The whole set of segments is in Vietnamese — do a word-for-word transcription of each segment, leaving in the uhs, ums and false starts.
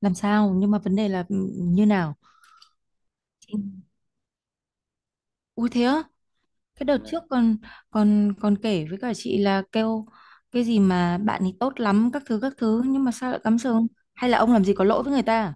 Làm sao? Nhưng mà vấn đề là ừ, như nào? Ừ. Ui thế á, cái đợt trước còn còn còn kể với cả chị là kêu cái gì mà bạn ấy tốt lắm các thứ các thứ, nhưng mà sao lại cắm sừng? Hay là ông làm gì có lỗi với người ta? À?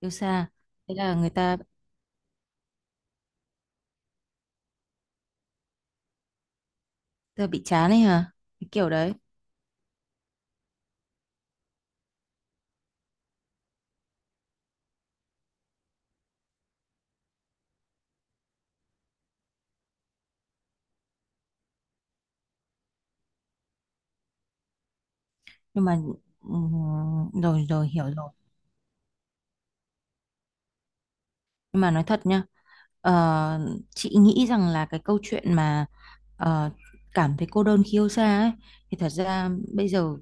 Yêu xa, thế là người ta, ta bị chán ấy hả? Cái kiểu đấy. Nhưng mà ừm, rồi rồi hiểu rồi. Nhưng mà nói thật nhá, ờ, chị nghĩ rằng là cái câu chuyện mà ờ, cảm thấy cô đơn khi yêu xa ấy, thì thật ra bây giờ,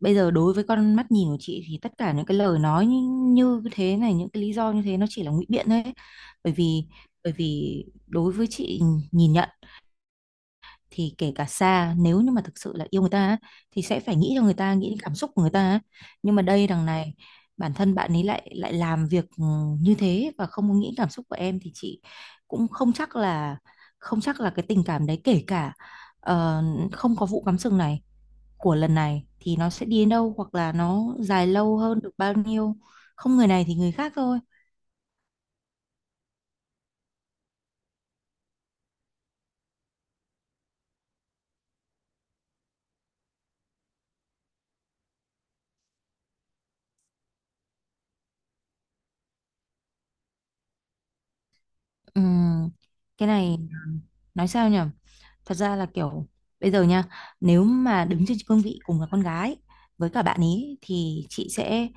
bây giờ đối với con mắt nhìn của chị, thì tất cả những cái lời nói như, như thế này, những cái lý do như thế, nó chỉ là ngụy biện thôi ấy. bởi vì bởi vì đối với chị, nhìn nhận thì kể cả xa, nếu như mà thực sự là yêu người ta á, thì sẽ phải nghĩ cho người ta, nghĩ đến cảm xúc của người ta á. Nhưng mà đây đằng này, bản thân bạn ấy lại lại làm việc ừ, như thế và không có nghĩ cảm xúc của em, thì chị cũng không chắc là không chắc là cái tình cảm đấy, kể cả ờ, không có vụ cắm sừng này của lần này, thì nó sẽ đi đến đâu hoặc là nó dài lâu hơn được bao nhiêu. Không người này thì người khác thôi. Ừm, cái này à, nói sao nhỉ, thật ra là kiểu bây giờ nha, nếu mà đứng trên cương vị cùng là con gái với cả bạn ý, thì chị sẽ,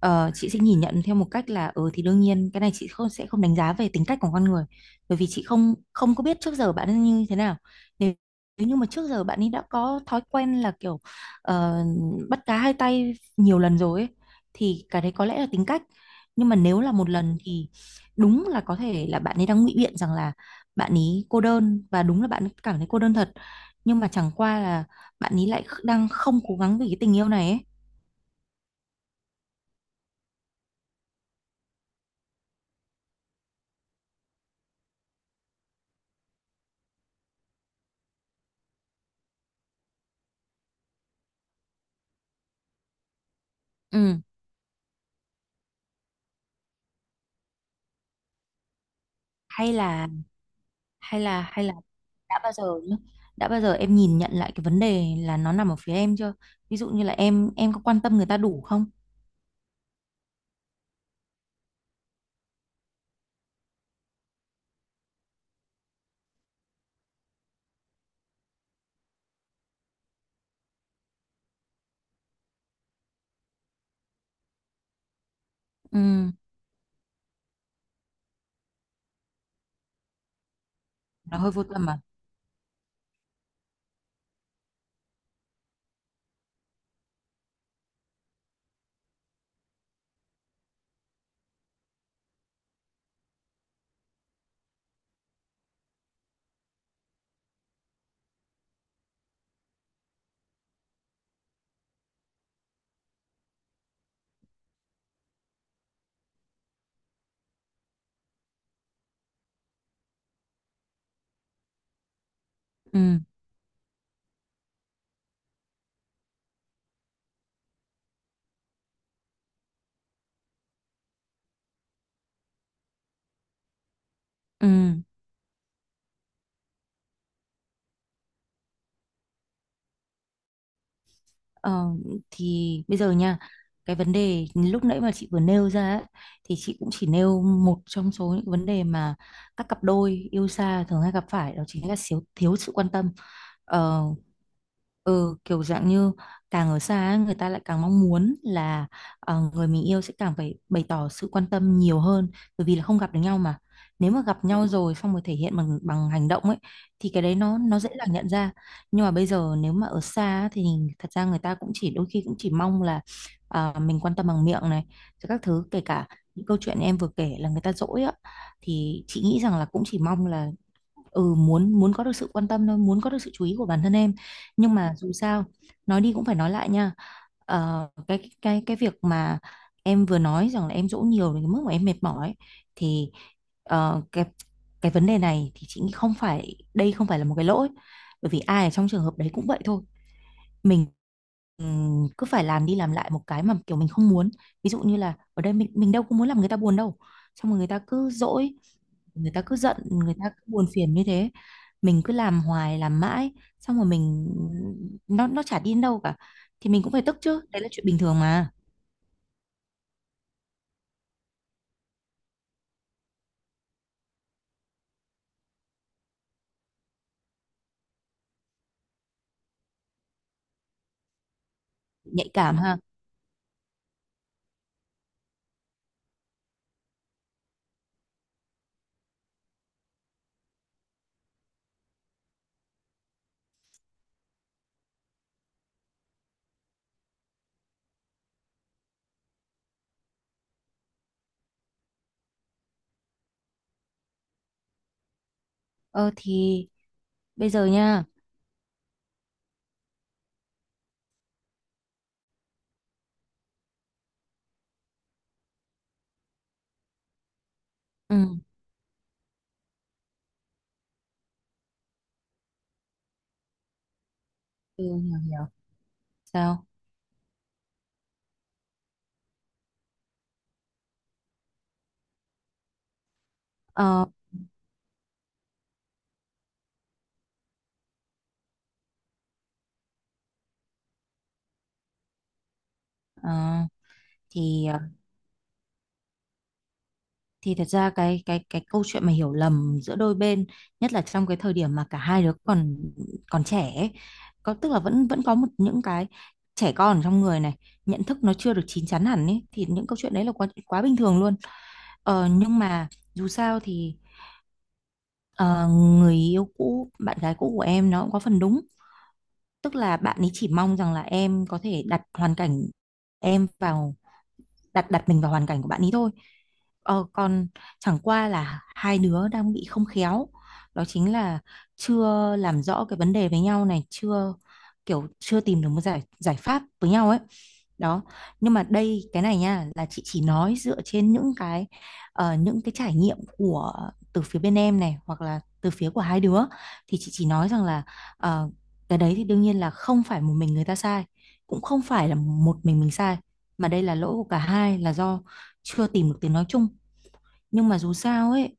ờ, chị sẽ nhìn nhận theo một cách là ừ thì đương nhiên cái này chị không, sẽ không đánh giá về tính cách của con người, bởi vì chị không không có biết trước giờ bạn ấy như thế nào. nếu, Nếu như mà trước giờ bạn ấy đã có thói quen là kiểu ờ, bắt cá hai tay nhiều lần rồi ấy, thì cái đấy có lẽ là tính cách. Nhưng mà nếu là một lần thì đúng là có thể là bạn ấy đang ngụy biện rằng là bạn ấy cô đơn, và đúng là bạn ấy cảm thấy cô đơn thật, nhưng mà chẳng qua là bạn ấy lại kh- đang không cố gắng vì cái tình yêu này ấy. Ừ, hay là hay là hay là đã bao giờ nhá, đã bao giờ em nhìn nhận lại cái vấn đề là nó nằm ở phía em chưa? Ví dụ như là em em có quan tâm người ta đủ không? Ừ. Nó hơi vô tâm à? Ừ. Ừ. ờ, thì bây giờ nha, cái vấn đề lúc nãy mà chị vừa nêu ra ấy, thì chị cũng chỉ nêu một trong số những vấn đề mà các cặp đôi yêu xa thường hay gặp phải, đó chính là thiếu thiếu sự quan tâm. Ờ, ừ, kiểu dạng như càng ở xa ấy, người ta lại càng mong muốn là ờ, người mình yêu sẽ càng phải bày tỏ sự quan tâm nhiều hơn, bởi vì là không gặp được nhau mà. Nếu mà gặp nhau rồi xong rồi thể hiện bằng bằng hành động ấy, thì cái đấy nó nó dễ dàng nhận ra. Nhưng mà bây giờ nếu mà ở xa á, thì thật ra người ta cũng chỉ, đôi khi cũng chỉ mong là ờ, mình quan tâm bằng miệng này, rồi các thứ, kể cả những câu chuyện em vừa kể là người ta dỗi á, thì chị nghĩ rằng là cũng chỉ mong là ừ, muốn muốn có được sự quan tâm thôi, muốn có được sự chú ý của bản thân em. Nhưng mà dù sao nói đi cũng phải nói lại nha. Ờ, cái cái cái việc mà em vừa nói rằng là em dỗ nhiều đến cái mức mà em mệt mỏi ấy, thì ờ, cái cái vấn đề này thì chị nghĩ không phải, đây không phải là một cái lỗi, bởi vì ai ở trong trường hợp đấy cũng vậy thôi. Mình ừm, cứ phải làm đi làm lại một cái mà kiểu mình không muốn. Ví dụ như là ở đây mình mình đâu có muốn làm người ta buồn đâu, xong rồi người ta cứ dỗi, người ta cứ giận, người ta cứ buồn phiền như thế, mình cứ làm hoài làm mãi, xong rồi mình, nó nó chả đi đến đâu cả, thì mình cũng phải tức chứ, đấy là chuyện bình thường mà. Nhạy cảm ha. Ờ thì bây giờ nha. Ừ, ừ, hiểu hiểu. Sao? Ờ. ờ, thì ờ, thì thật ra cái cái cái câu chuyện mà hiểu lầm giữa đôi bên, nhất là trong cái thời điểm mà cả hai đứa còn còn trẻ ấy, có tức là vẫn vẫn có một những cái trẻ con ở trong người này, nhận thức nó chưa được chín chắn hẳn ấy, thì những câu chuyện đấy là quá quá bình thường luôn. Ờ, nhưng mà dù sao thì ờ, người yêu cũ bạn gái cũ của em nó cũng có phần đúng, tức là bạn ấy chỉ mong rằng là em có thể đặt hoàn cảnh em vào, đặt đặt mình vào hoàn cảnh của bạn ấy thôi. Ờ, còn chẳng qua là hai đứa đang bị không khéo, đó chính là chưa làm rõ cái vấn đề với nhau này, chưa kiểu chưa tìm được một giải giải pháp với nhau ấy. Đó. Nhưng mà đây cái này nha, là chị chỉ nói dựa trên những cái ờ, những cái trải nghiệm của từ phía bên em này, hoặc là từ phía của hai đứa, thì chị chỉ nói rằng là ờ, cái đấy thì đương nhiên là không phải một mình người ta sai, cũng không phải là một mình mình sai, mà đây là lỗi của cả hai, là do chưa tìm được tiếng nói chung. Nhưng mà dù sao ấy,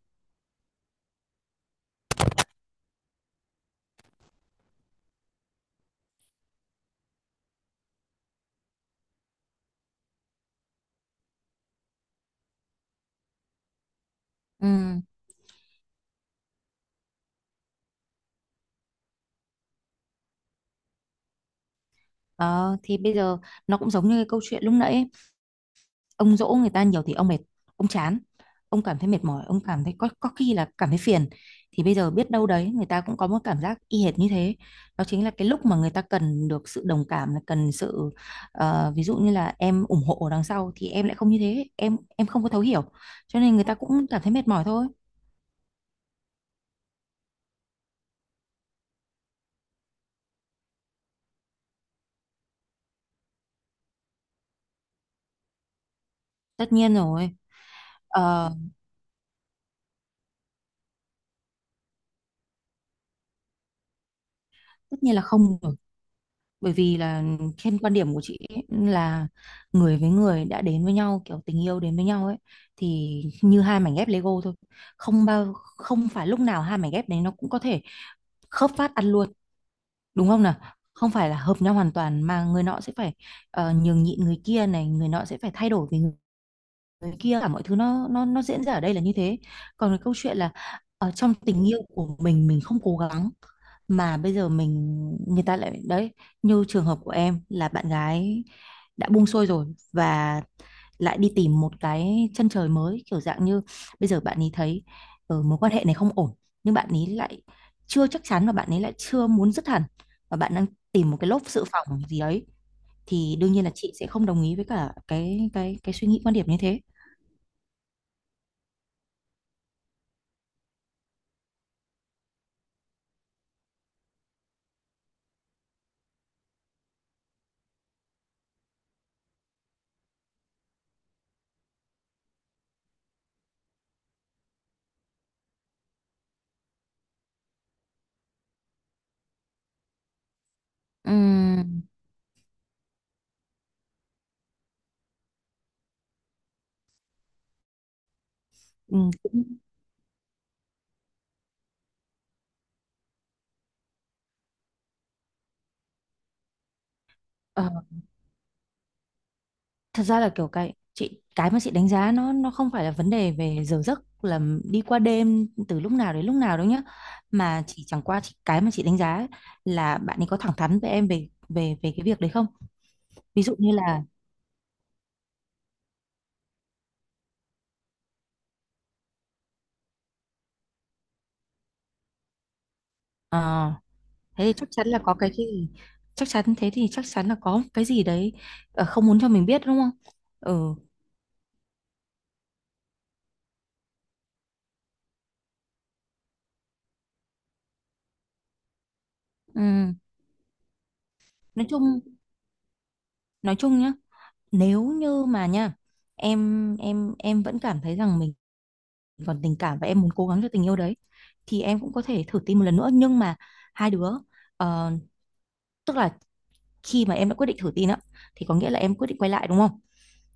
ừ, đó, thì bây giờ nó cũng giống như cái câu chuyện lúc nãy ấy. Ông dỗ người ta nhiều thì ông mệt, ông chán, ông cảm thấy mệt mỏi, ông cảm thấy có có khi là cảm thấy phiền. Thì bây giờ biết đâu đấy người ta cũng có một cảm giác y hệt như thế, đó chính là cái lúc mà người ta cần được sự đồng cảm, là cần sự ờ, ví dụ như là em ủng hộ ở đằng sau, thì em lại không như thế, em em không có thấu hiểu, cho nên người ta cũng cảm thấy mệt mỏi thôi. Tất nhiên rồi. Ờ, tất nhiên là không rồi, bởi vì là trên quan điểm của chị ấy, là người với người đã đến với nhau kiểu tình yêu đến với nhau ấy, thì như hai mảnh ghép Lego thôi. Không bao không phải lúc nào hai mảnh ghép đấy nó cũng có thể khớp phát ăn luôn, đúng không nào? Không phải là hợp nhau hoàn toàn mà người nọ sẽ phải ờ, nhường nhịn người kia này, người nọ sẽ phải thay đổi vì người kia, cả mọi thứ, nó nó nó diễn ra ở đây là như thế. Còn cái câu chuyện là ở trong tình yêu của mình mình không cố gắng mà bây giờ mình, người ta lại đấy, như trường hợp của em là bạn gái đã buông xuôi rồi, và lại đi tìm một cái chân trời mới, kiểu dạng như bây giờ bạn ấy thấy ờ, mối quan hệ này không ổn, nhưng bạn ấy lại chưa chắc chắn và bạn ấy lại chưa muốn dứt hẳn, và bạn đang tìm một cái lốp dự phòng gì đấy, thì đương nhiên là chị sẽ không đồng ý với cả cái cái cái suy nghĩ quan điểm như thế. Ừm, ừm, cũng ờ, thật ra là kiểu cái chị cái mà chị đánh giá nó nó không phải là vấn đề về giờ giấc, là đi qua đêm từ lúc nào đến lúc nào đâu nhá, mà chỉ chẳng qua chị cái mà chị đánh giá ấy, là bạn ấy có thẳng thắn với em về về về cái việc đấy không. Ví dụ như là ờ, thế thì chắc chắn là có cái gì, chắc chắn thế thì chắc chắn là có cái gì đấy ờ, không muốn cho mình biết, đúng không? Ừ. Ừm, nói chung nói chung nhá, nếu như mà nha, em em em vẫn cảm thấy rằng mình còn tình cảm và em muốn cố gắng cho tình yêu đấy, thì em cũng có thể thử tin một lần nữa. Nhưng mà hai đứa ờ, tức là khi mà em đã quyết định thử tin á, thì có nghĩa là em quyết định quay lại đúng không,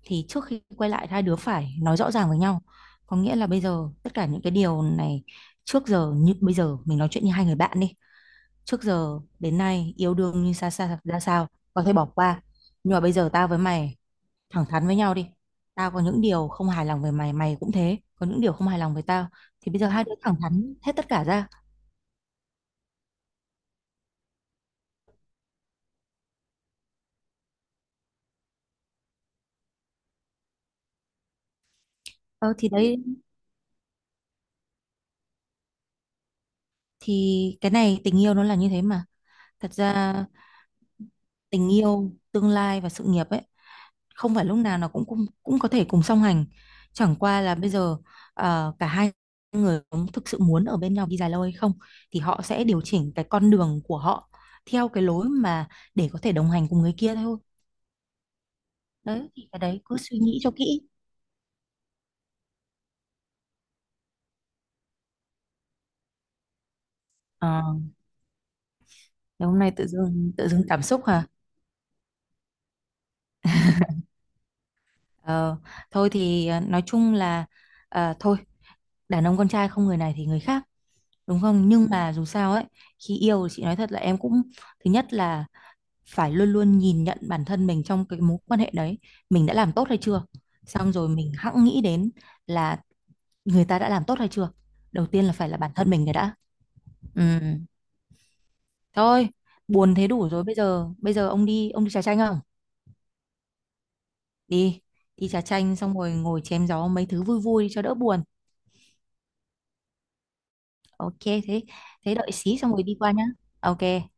thì trước khi quay lại hai đứa phải nói rõ ràng với nhau, có nghĩa là bây giờ tất cả những cái điều này trước giờ, như bây giờ mình nói chuyện như hai người bạn đi, trước giờ đến nay yêu đương như xa xa ra sao có thể bỏ qua, nhưng mà bây giờ tao với mày thẳng thắn với nhau đi, tao có những điều không hài lòng về mày, mày cũng thế, có những điều không hài lòng về tao, thì bây giờ hai đứa thẳng thắn hết tất cả ra. Ờ thì đấy, thì cái này tình yêu nó là như thế mà, thật ra tình yêu tương lai và sự nghiệp ấy không phải lúc nào nó cũng cũng, cũng có thể cùng song hành. Chẳng qua là bây giờ ờ, cả hai người cũng thực sự muốn ở bên nhau đi dài lâu hay không, thì họ sẽ điều chỉnh cái con đường của họ theo cái lối mà để có thể đồng hành cùng người kia thôi. Đấy thì cái đấy cứ suy nghĩ cho kỹ. Ờ. Ngày hôm nay tự dưng tự dưng cảm xúc hả? Ờ, thôi thì à, nói chung là à, thôi, đàn ông con trai không người này thì người khác, đúng không? Nhưng mà dù sao ấy, khi yêu thì chị nói thật là em cũng, thứ nhất là phải luôn luôn nhìn nhận bản thân mình trong cái mối quan hệ đấy, mình đã làm tốt hay chưa? Xong rồi mình hẵng nghĩ đến là người ta đã làm tốt hay chưa? Đầu tiên là phải là bản thân mình cái đã. Ừ. Thôi, buồn thế đủ rồi, bây giờ bây giờ ông đi, ông đi trà chanh không? Đi, đi trà chanh xong rồi ngồi chém gió mấy thứ vui vui cho đỡ buồn. Ok. Thế, thế đợi xí xong rồi đi qua nhá. Ok.